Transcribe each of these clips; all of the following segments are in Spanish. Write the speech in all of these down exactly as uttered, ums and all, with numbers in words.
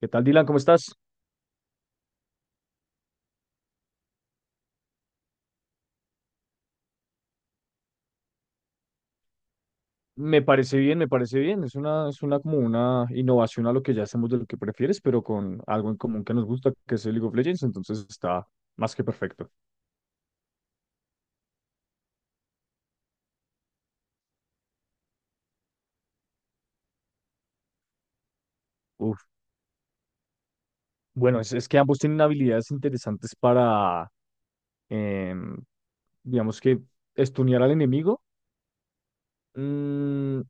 ¿Qué tal, Dylan? ¿Cómo estás? Me parece bien, me parece bien. Es una, es una como una innovación a lo que ya hacemos de lo que prefieres, pero con algo en común que nos gusta, que es el League of Legends, entonces está más que perfecto. Uf. Bueno, es, es que ambos tienen habilidades interesantes para, em, digamos que, estunear al enemigo. Mm,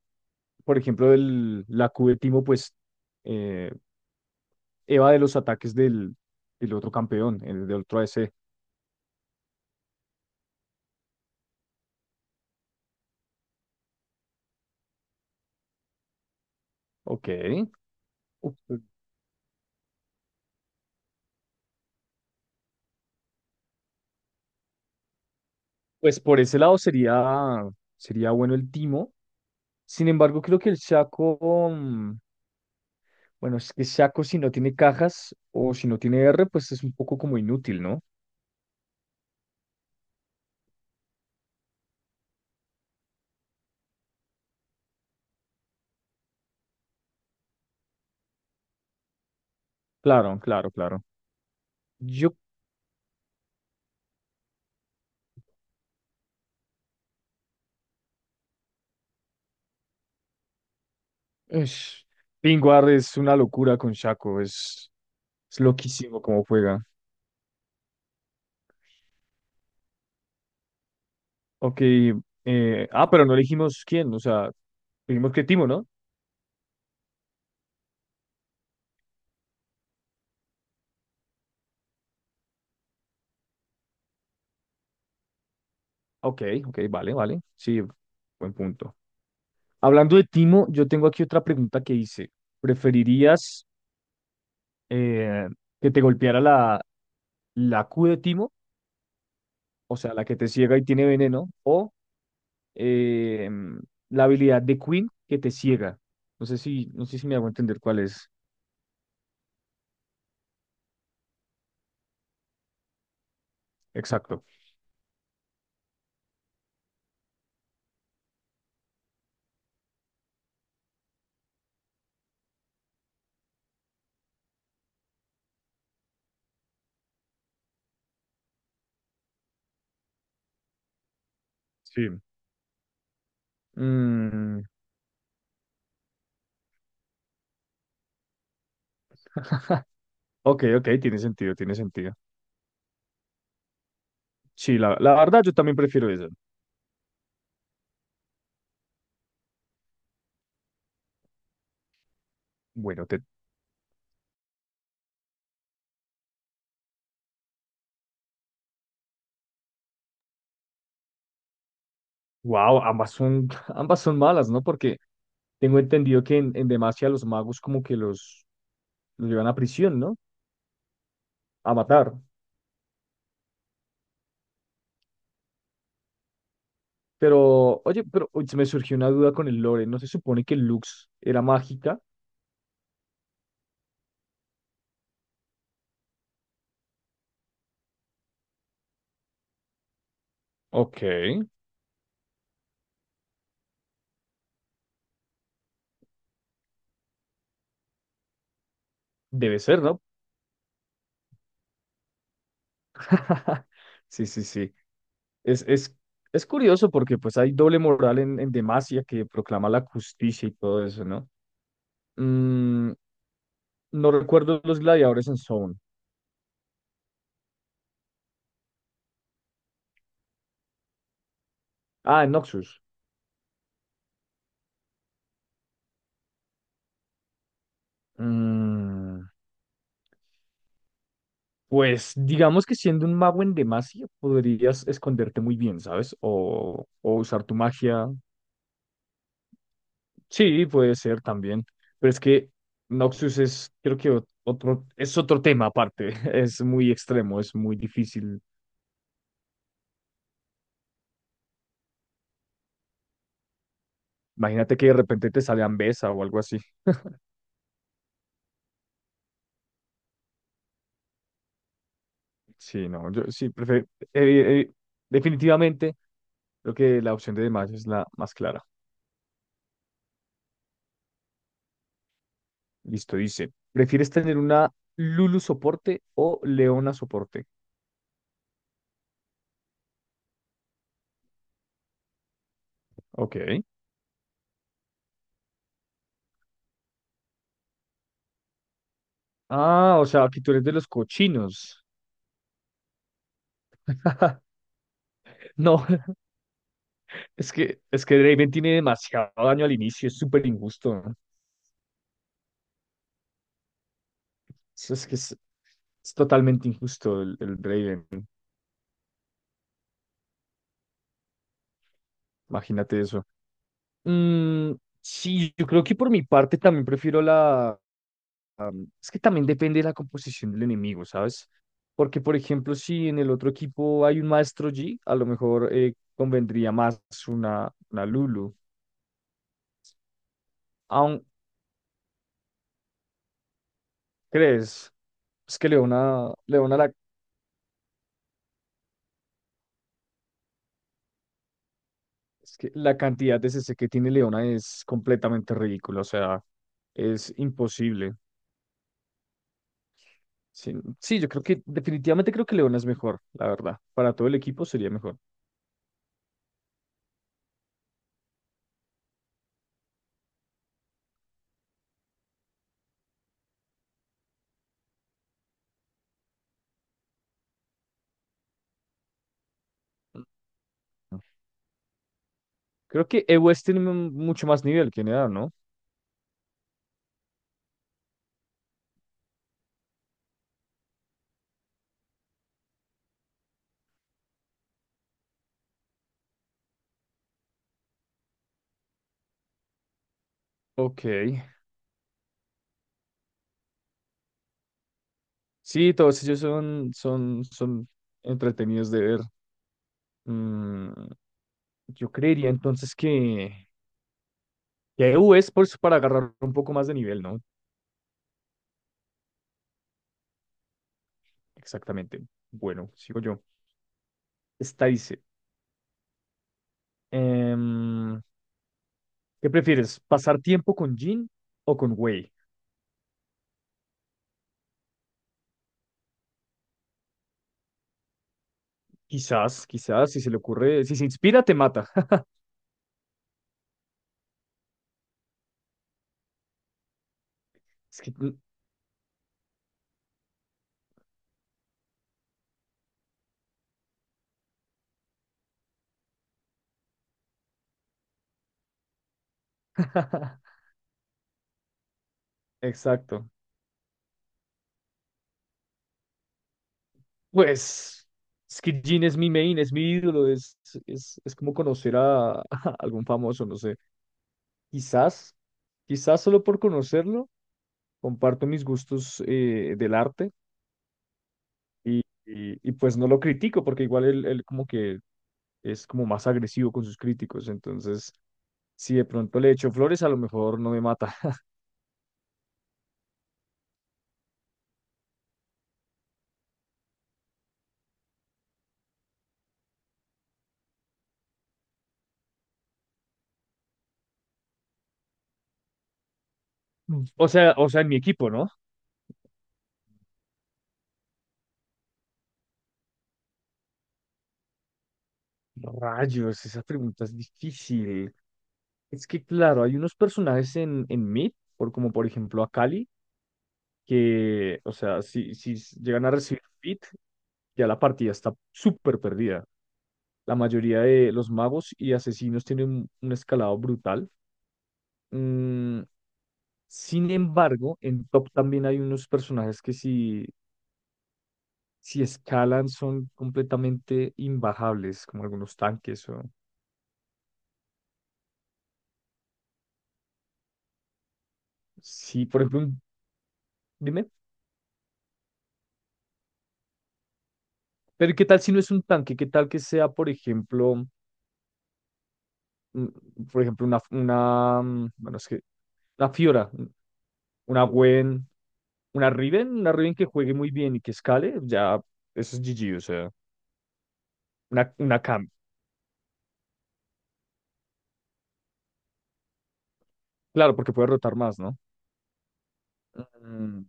por ejemplo, el, la Q de Timo, pues, eh, eva de los ataques del, del otro campeón, el, de otro A D C. Ok. Uf, pues por ese lado sería, sería bueno el Timo. Sin embargo, creo que el Shaco, mm, bueno, es que Shaco si no tiene cajas o si no tiene R, pues es un poco como inútil, ¿no? Claro, claro, claro. Yo, es, Pingwar es una locura con Shaco, es, es loquísimo cómo juega. Ok, eh, ah, pero no elegimos quién, o sea, dijimos que Timo, ¿no? Ok, ok, vale, vale, sí, buen punto. Hablando de Timo, yo tengo aquí otra pregunta que hice. ¿Preferirías eh, que te golpeara la, la Q de Timo, o sea, la que te ciega y tiene veneno, o eh, la habilidad de Queen que te ciega? No sé si, no sé si me hago entender cuál es. Exacto. Sí. Mm, ok, ok, tiene sentido, tiene sentido. Sí, la, la verdad yo también prefiero eso. Bueno, te, wow, ambas son, ambas son malas, ¿no? Porque tengo entendido que en, en Demacia los magos como que los, los llevan a prisión, ¿no? A matar. Pero, oye, pero uy, se me surgió una duda con el lore. ¿No se supone que Lux era mágica? Ok. Debe ser, ¿no? Sí, sí, sí. Es, es, es curioso porque pues hay doble moral en, en Demacia que proclama la justicia y todo eso, ¿no? Mm, no recuerdo los gladiadores en Zone. Ah, en Noxus. Mm, pues digamos que siendo un mago en Demacia podrías esconderte muy bien, ¿sabes? O, o usar tu magia. Sí, puede ser también, pero es que Noxus es, creo que ot- otro, es otro tema aparte, es muy extremo, es muy difícil. Imagínate que de repente te sale Ambesa o algo así. Sí, no, yo sí, prefiero, definitivamente creo que la opción de Demacia es la más clara. Listo, dice, ¿prefieres tener una Lulu soporte o Leona soporte? Ok. Ah, o sea, aquí tú eres de los cochinos. No, es que, es que, Draven tiene demasiado daño al inicio, es súper injusto. Sí, es que es, es totalmente injusto el, el Raven, imagínate eso. Mm, sí, yo creo que por mi parte también prefiero la... am, es que también depende de la composición del enemigo, ¿sabes? Porque, por ejemplo, si en el otro equipo hay un Maestro G, a lo mejor eh, convendría más una, una Lulu. Aún, ¿crees? Es que Leona, Leona la, es que la cantidad de C C que tiene Leona es completamente ridícula, o sea, es imposible. Sí, sí, yo creo que definitivamente creo que León es mejor, la verdad. Para todo el equipo sería mejor. Creo que e u west tiene mu- mucho más nivel que Enea, ¿no? Ok. Sí, todos ellos son, son, son entretenidos de ver. Mm, yo creería entonces que, que e u west por, su- para agarrar un poco más de nivel, ¿no? Exactamente. Bueno, sigo yo. Esta dice, em, ¿qué prefieres? ¿Pasar tiempo con Jin o con Wei? Quizás, quizás, si se le ocurre, si se inspira, te mata. Es que- Exacto. Pues Skid Gene es mi main, es mi ídolo, es, es, es como conocer a, a algún famoso, no sé. Quizás, quizás solo por conocerlo, comparto mis gustos eh, del arte y, y- y pues no lo critico porque igual él, él como que es como más agresivo con sus críticos, entonces si de pronto le echo flores, a lo mejor no me mata. O sea, o sea, en mi equipo, ¿no? Rayos, esa pregunta es difícil. Es que claro, hay unos personajes en, en Meet, por, como por ejemplo a Cali, que, o sea, si, si s- llegan a recibir Fit, ya la partida está súper perdida. La mayoría de los magos y asesinos tienen un, un escalado brutal. Mm, sin embargo, en Top también hay unos personajes que si, si escalan son completamente imbajables, como algunos tanques o... Sí, por ejemplo, un- dime, pero ¿qué tal si no es un tanque? ¿Qué tal que sea, por ejemplo... mm, por ejemplo, una, una, mm, bueno, es que una Fiora, una Gwen, una Riven, una Riven que juegue muy bien y que escale, ya eso es G G, o sea, una, una Cam. Claro, porque puede rotar más, ¿no? Mm,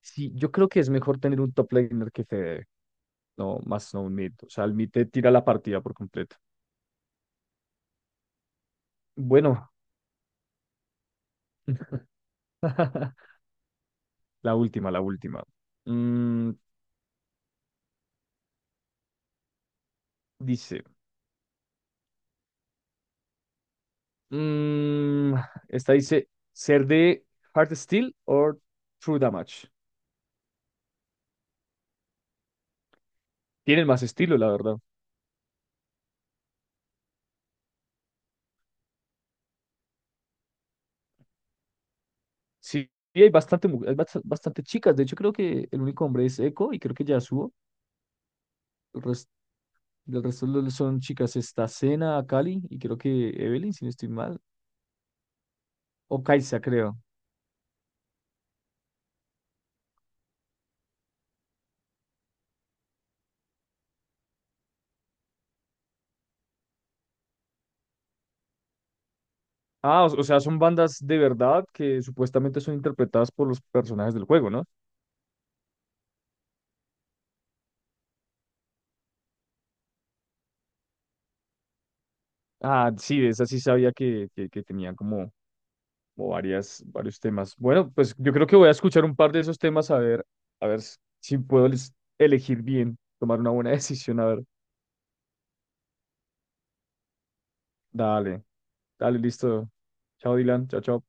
sí, yo creo que es mejor tener un top laner que Fede, no, más no un mid. O sea, el mid te tira la partida por completo. Bueno, la última, la última. Mm, dice, mm, esta dice, ser de Hard Steel o True Damage. Tienen más estilo, la verdad. Sí, y hay bastante, mu- hay bast- bastante chicas. De hecho, creo que el único hombre es Echo y creo que Yasuo. El resto, el resto lo- son chicas. Está Senna, Akali y creo que Evelyn, si no estoy mal. O Kai'Sa, creo. Ah, o, o sea, son bandas de verdad que supuestamente son interpretadas por los personajes del juego, ¿no? Ah, sí, de esa sí sabía que, que, que tenían como, como varias, varios temas. Bueno, pues yo creo que voy a escuchar un par de esos temas a ver, a ver si puedo les- elegir bien, tomar una buena decisión, a ver. Dale, dale, listo. Chao, Dylan. Chao, chao.